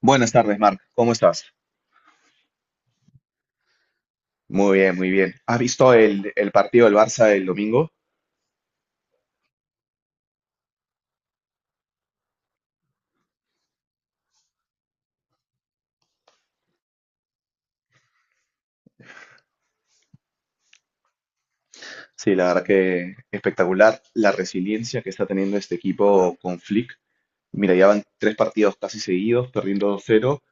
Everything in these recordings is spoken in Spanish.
Buenas tardes, Marc. ¿Cómo estás? Muy bien, muy bien. ¿Has visto el partido del Barça el domingo? Sí, la verdad que espectacular la resiliencia que está teniendo este equipo con Flick. Mira, ya van tres partidos casi seguidos, perdiendo 2-0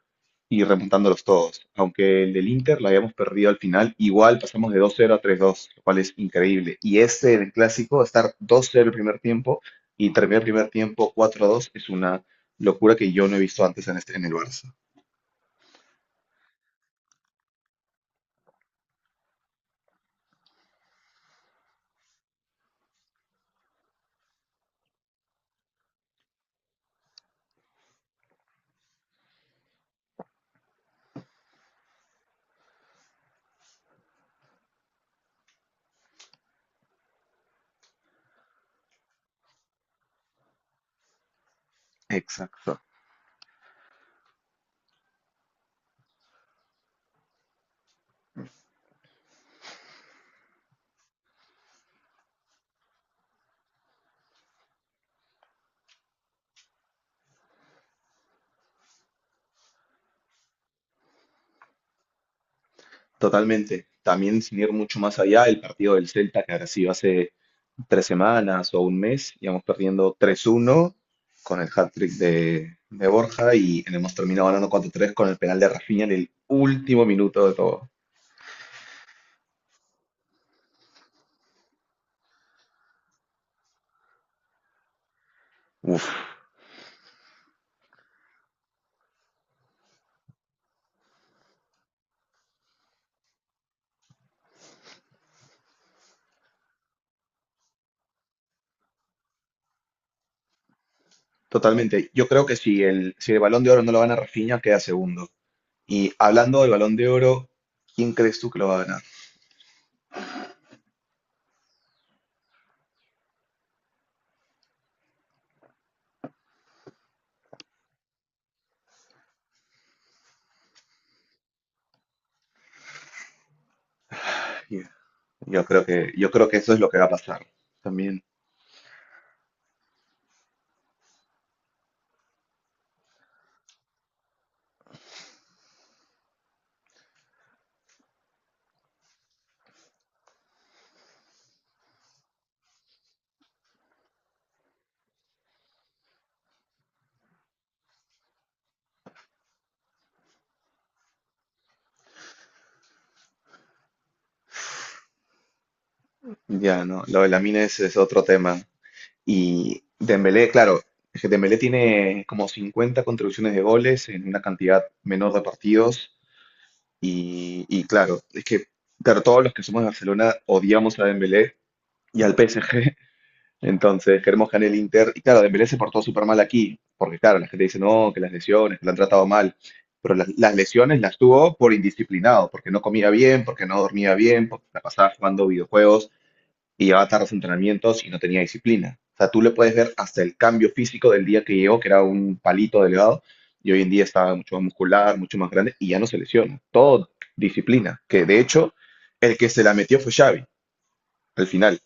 y remontándolos todos. Aunque el del Inter la habíamos perdido al final, igual pasamos de 2-0 a 3-2, lo cual es increíble. Y este del clásico, estar 2-0 el primer tiempo y terminar el primer tiempo 4 dos es una locura que yo no he visto antes en el Barça. Exacto. Totalmente. También sin ir mucho más allá, el partido del Celta que ahora sí hace 3 semanas o un mes, íbamos perdiendo 3-1 con el hat-trick de Borja y hemos terminado ganando 4-3 con el penal de Rafinha en el último minuto de todo. Uf, totalmente. Yo creo que si el Balón de Oro no lo gana Rafinha, queda segundo. Y hablando del Balón de Oro, ¿quién crees tú que lo va a ganar? Yeah. Yo creo que eso es lo que va a pasar. También, ya, ¿no? Lo de Lamine es otro tema. Y Dembélé, claro, es que Dembélé tiene como 50 contribuciones de goles en una cantidad menor de partidos. Y claro, es que claro, todos los que somos de Barcelona odiamos a Dembélé y al PSG. Entonces queremos que gane el Inter. Y claro, Dembélé se portó súper mal aquí. Porque claro, la gente dice, no, que las lesiones, que la han tratado mal. Pero las lesiones las tuvo por indisciplinado, porque no comía bien, porque no dormía bien, porque la pasaba jugando videojuegos y llevaba tardes de entrenamientos y no tenía disciplina. O sea, tú le puedes ver hasta el cambio físico del día que llegó, que era un palito delgado, y hoy en día está mucho más muscular, mucho más grande, y ya no se lesiona. Todo disciplina, que de hecho el que se la metió fue Xavi, al final.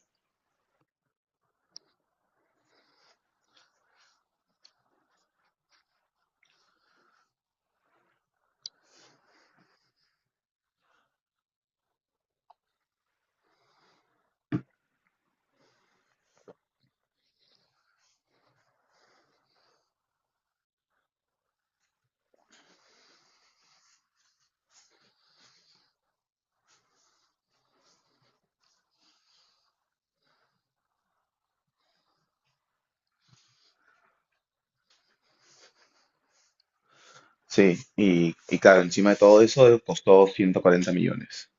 Sí, y claro, encima de todo eso costó 140 millones.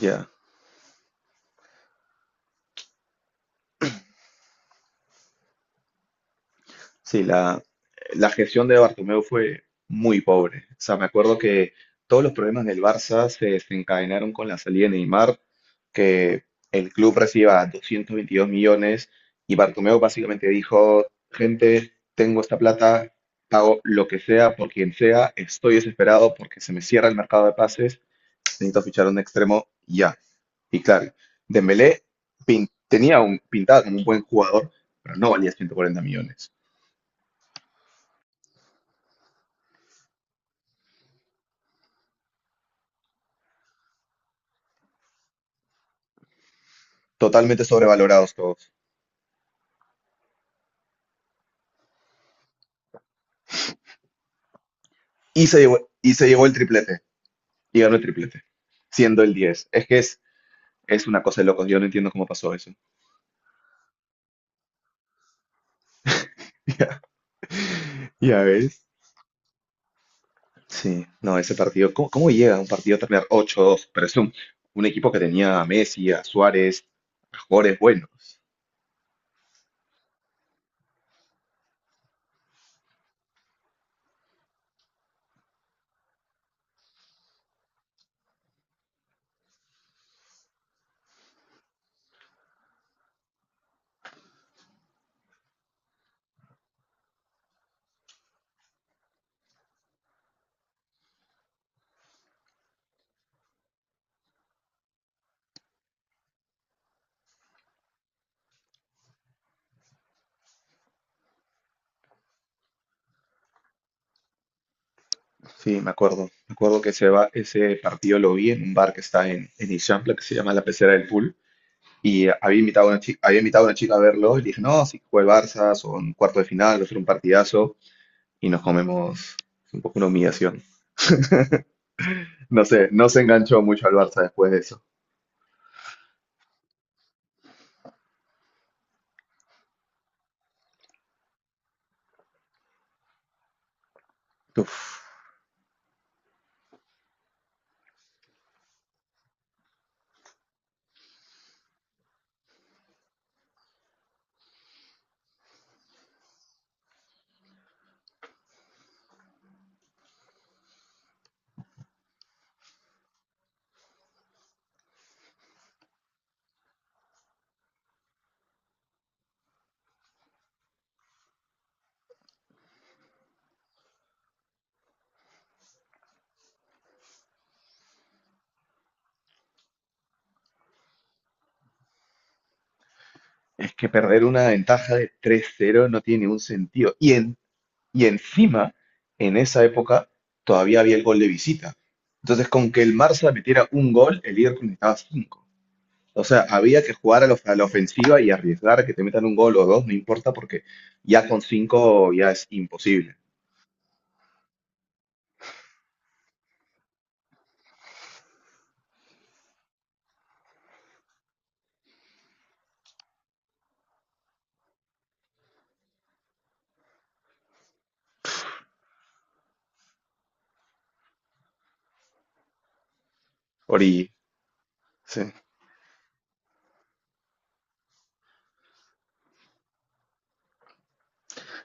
Ya. Sí, la gestión de Bartomeu fue muy pobre. O sea, me acuerdo que todos los problemas del Barça se desencadenaron con la salida de Neymar, que el club reciba 222 millones y Bartomeu básicamente dijo, gente, tengo esta plata, pago lo que sea por quien sea, estoy desesperado porque se me cierra el mercado de pases, necesito fichar un extremo ya. Y claro, Dembélé tenía un pintado como un buen jugador, pero no valía 140 millones. Totalmente sobrevalorados todos. Y se llevó el triplete. Y ganó el triplete. Siendo el 10. Es que es una cosa de locos. Yo no entiendo cómo pasó eso. Ya, ya ves. Sí, no, ese partido. ¿Cómo llega un partido a terminar 8-2? Pero es un equipo que tenía a Messi, a Suárez, a jugadores buenos. Sí, me acuerdo. Me acuerdo que ese partido lo vi en un bar que está en Ixampla, que se llama La Pecera del Pool. Y había invitado a una chica, había invitado a una chica a verlo y le dije, no, si juega el Barça, son cuarto de final, va a ser un partidazo y nos comemos un poco una humillación. No sé, no se enganchó mucho al Barça después de eso. Uf, es que perder una ventaja de 3-0 no tiene ningún sentido. Y encima, en esa época, todavía había el gol de visita. Entonces, con que el Barça metiera un gol, el Liverpool necesitaba cinco. O sea, había que jugar a la ofensiva y arriesgar a que te metan un gol o dos, no importa, porque ya con cinco ya es imposible. Ori, sí,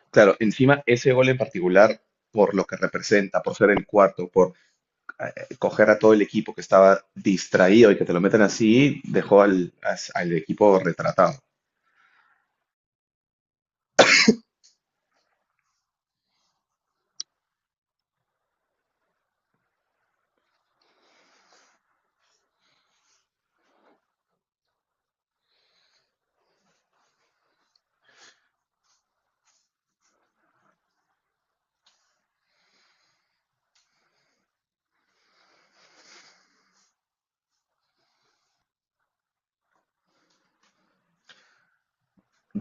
claro, encima ese gol en particular, por lo que representa, por ser el cuarto, por coger a todo el equipo que estaba distraído y que te lo metan así, dejó al equipo retratado.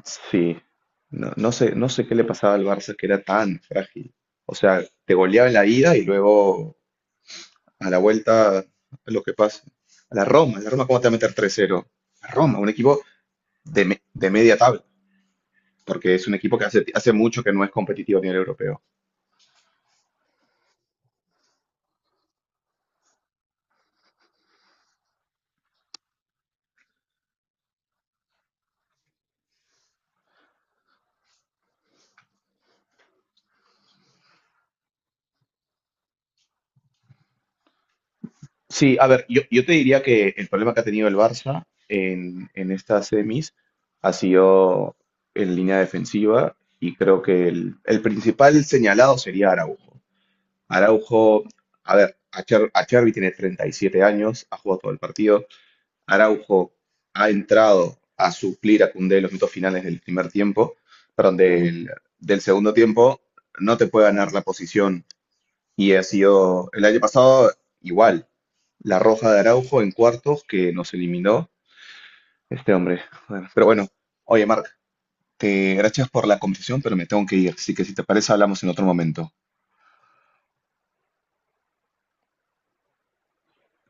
Sí, no, no sé qué le pasaba al Barça que era tan frágil. O sea, te goleaba en la ida y luego a la vuelta, lo que pasa. A la Roma, ¿cómo te va a meter 3-0? La Roma, un equipo de media tabla, porque es un equipo que hace mucho que no es competitivo a nivel europeo. Sí, a ver, yo te diría que el problema que ha tenido el Barça en estas semis ha sido en línea defensiva y creo que el principal señalado sería Araujo. Araujo, a ver, Acherbi tiene 37 años, ha jugado todo el partido, Araujo ha entrado a suplir a Koundé en los minutos finales del primer tiempo, perdón, del segundo tiempo, no te puede ganar la posición. Y ha sido el año pasado igual, la roja de Araujo en cuartos que nos eliminó este hombre. Bueno, pero bueno, oye, Marc, te gracias por la conversación, pero me tengo que ir. Así que si te parece, hablamos en otro momento.